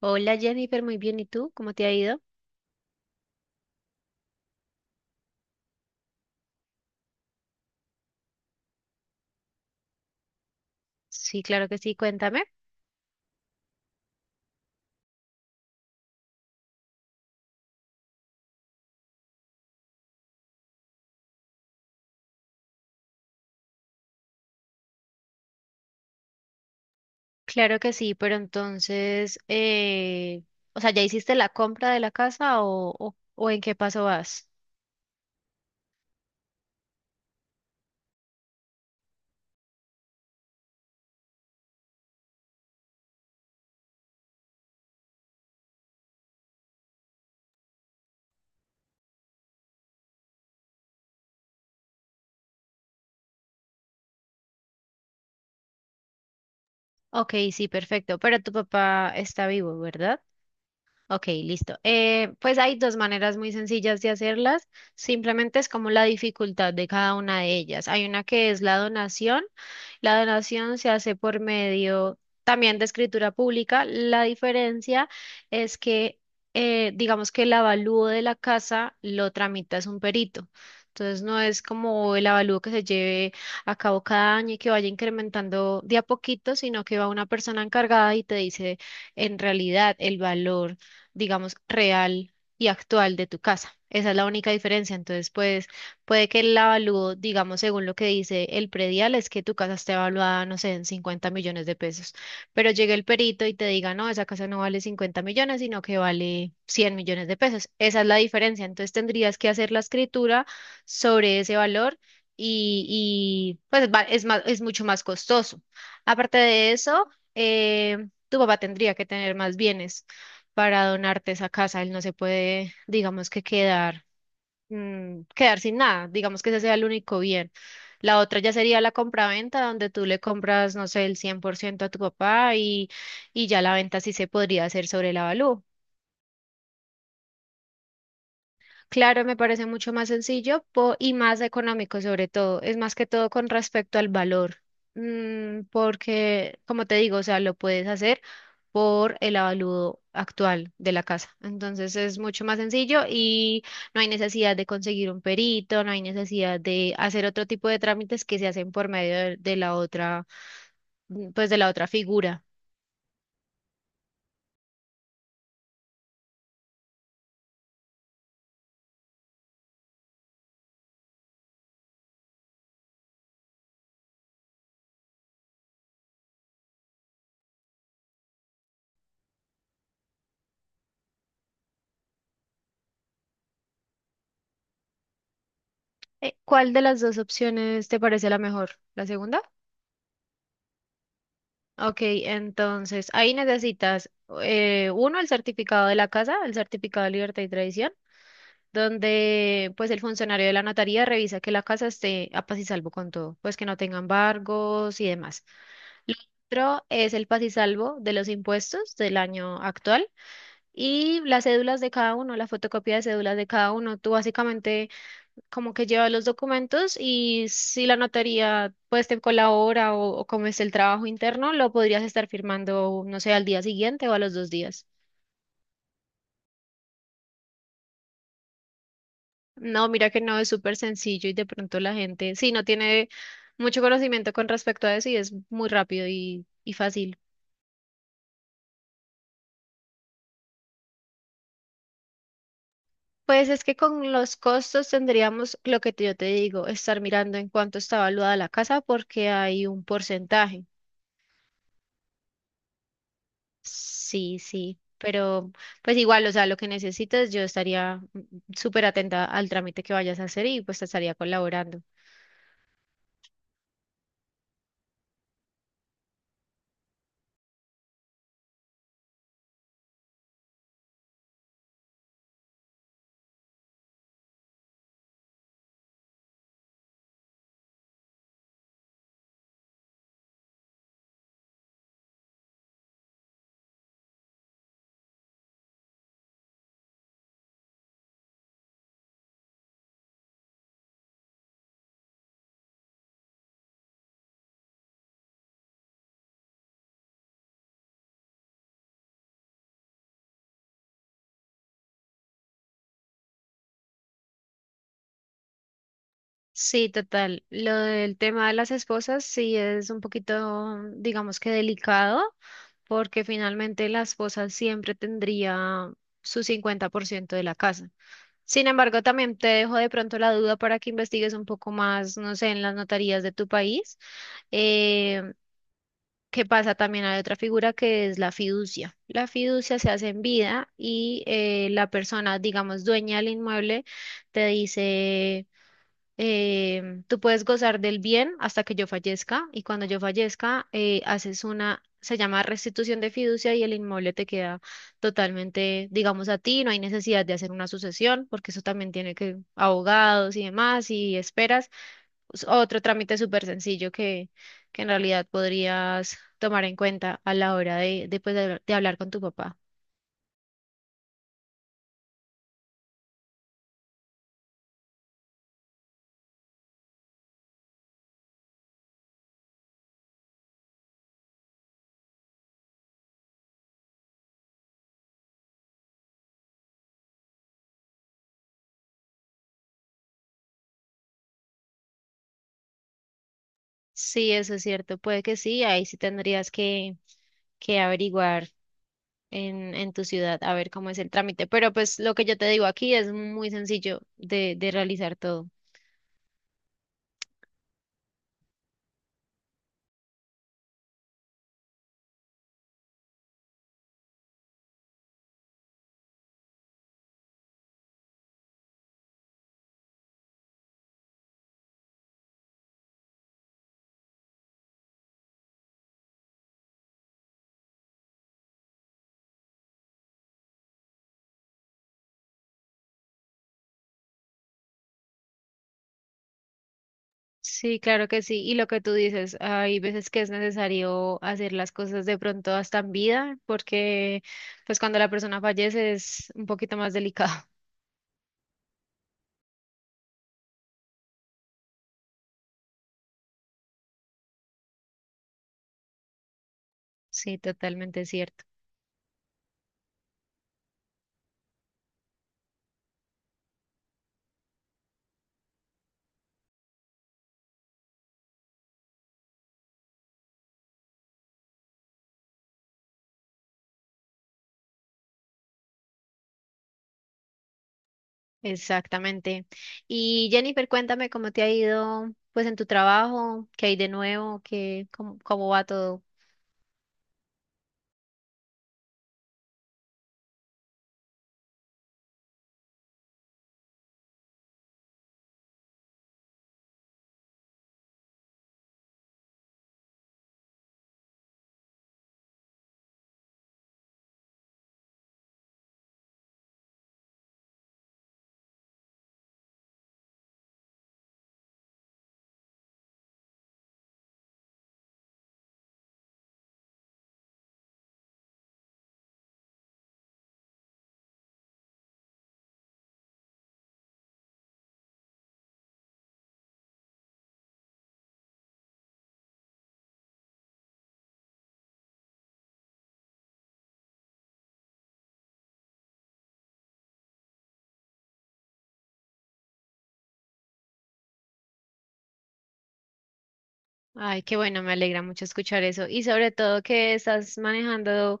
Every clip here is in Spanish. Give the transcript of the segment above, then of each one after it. Hola Jennifer, muy bien. ¿Y tú? ¿Cómo te ha ido? Sí, claro que sí, cuéntame. Claro que sí, pero entonces, o sea, ¿ya hiciste la compra de la casa o en qué paso vas? Ok, sí, perfecto. Pero tu papá está vivo, ¿verdad? Ok, listo. Pues hay dos maneras muy sencillas de hacerlas. Simplemente es como la dificultad de cada una de ellas. Hay una que es la donación. La donación se hace por medio también de escritura pública. La diferencia es que, digamos que el avalúo de la casa lo tramita es un perito. Entonces no es como el avalúo que se lleve a cabo cada año y que vaya incrementando de a poquito, sino que va una persona encargada y te dice en realidad el valor, digamos, real y actual de tu casa. Esa es la única diferencia. Entonces, pues puede que el avalúo, digamos, según lo que dice el predial, es que tu casa esté evaluada, no sé, en 50 millones de pesos. Pero llegue el perito y te diga, no, esa casa no vale 50 millones, sino que vale 100 millones de pesos. Esa es la diferencia. Entonces, tendrías que hacer la escritura sobre ese valor. Pues es más, es mucho más costoso. Aparte de eso, tu papá tendría que tener más bienes para donarte esa casa. Él no se puede, digamos, que quedar sin nada. Digamos que ese sea el único bien. La otra ya sería la compraventa, donde tú le compras, no sé, el 100% a tu papá y ya la venta sí se podría hacer sobre el avalúo. Claro, me parece mucho más sencillo y más económico sobre todo. Es más que todo con respecto al valor. Porque como te digo, o sea, lo puedes hacer por el avalúo actual de la casa. Entonces es mucho más sencillo y no hay necesidad de conseguir un perito, no hay necesidad de hacer otro tipo de trámites que se hacen por medio de la otra, pues de la otra figura. ¿Cuál de las dos opciones te parece la mejor? ¿La segunda? Ok, entonces ahí necesitas, uno, el certificado de la casa, el certificado de libertad y tradición, donde pues el funcionario de la notaría revisa que la casa esté a paz y salvo con todo, pues que no tenga embargos y demás. Lo otro es el paz y salvo de los impuestos del año actual y las cédulas de cada uno, la fotocopia de cédulas de cada uno. Tú básicamente como que lleva los documentos y si la notaría pues te colabora o como es el trabajo interno, lo podrías estar firmando, no sé, al día siguiente o a los 2 días. No, mira que no es súper sencillo y de pronto la gente, sí, no tiene mucho conocimiento con respecto a eso y es muy rápido y fácil. Pues es que con los costos tendríamos, lo que yo te digo, estar mirando en cuánto está valuada la casa porque hay un porcentaje. Sí, sí, pero pues igual, o sea, lo que necesites, yo estaría súper atenta al trámite que vayas a hacer y pues te estaría colaborando. Sí, total. Lo del tema de las esposas sí es un poquito, digamos, que delicado, porque finalmente la esposa siempre tendría su 50% de la casa. Sin embargo, también te dejo de pronto la duda para que investigues un poco más, no sé, en las notarías de tu país. eh, ¿Qué pasa? También hay otra figura que es la fiducia. La fiducia se hace en vida y, la persona, digamos, dueña del inmueble, te dice, tú puedes gozar del bien hasta que yo fallezca y cuando yo fallezca, haces una, se llama restitución de fiducia, y el inmueble te queda totalmente, digamos, a ti. No hay necesidad de hacer una sucesión porque eso también tiene que abogados y demás y esperas, otro trámite súper sencillo que en realidad podrías tomar en cuenta a la hora pues de hablar con tu papá. Sí, eso es cierto, puede que sí, ahí sí tendrías que averiguar en tu ciudad a ver cómo es el trámite, pero pues lo que yo te digo aquí es muy sencillo de realizar todo. Sí, claro que sí. Y lo que tú dices, hay veces que es necesario hacer las cosas de pronto hasta en vida, porque pues cuando la persona fallece es un poquito más delicado. Sí, totalmente cierto. Exactamente. Y Jennifer, cuéntame cómo te ha ido pues en tu trabajo, qué hay de nuevo, cómo va todo. Ay, qué bueno, me alegra mucho escuchar eso. Y sobre todo que estás manejando,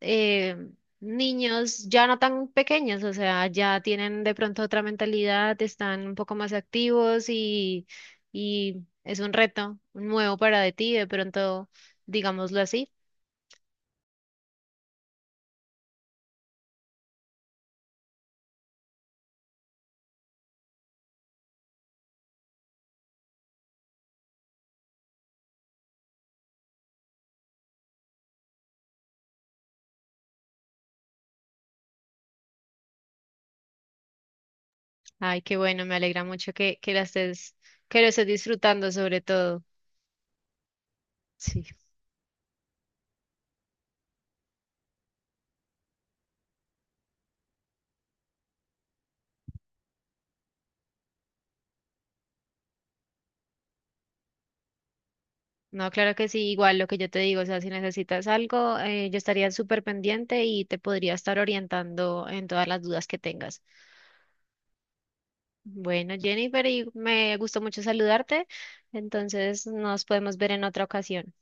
eh, niños ya no tan pequeños, o sea, ya tienen de pronto otra mentalidad, están un poco más activos, y es un reto nuevo para de ti, de pronto, digámoslo así. Ay, qué bueno, me alegra mucho que, que lo estés disfrutando sobre todo. Sí. No, claro que sí, igual lo que yo te digo, o sea, si necesitas algo, yo estaría súper pendiente y te podría estar orientando en todas las dudas que tengas. Bueno, Jennifer, y me gustó mucho saludarte, entonces nos podemos ver en otra ocasión.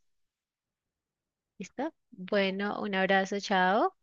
¿Listo? Bueno, un abrazo, chao.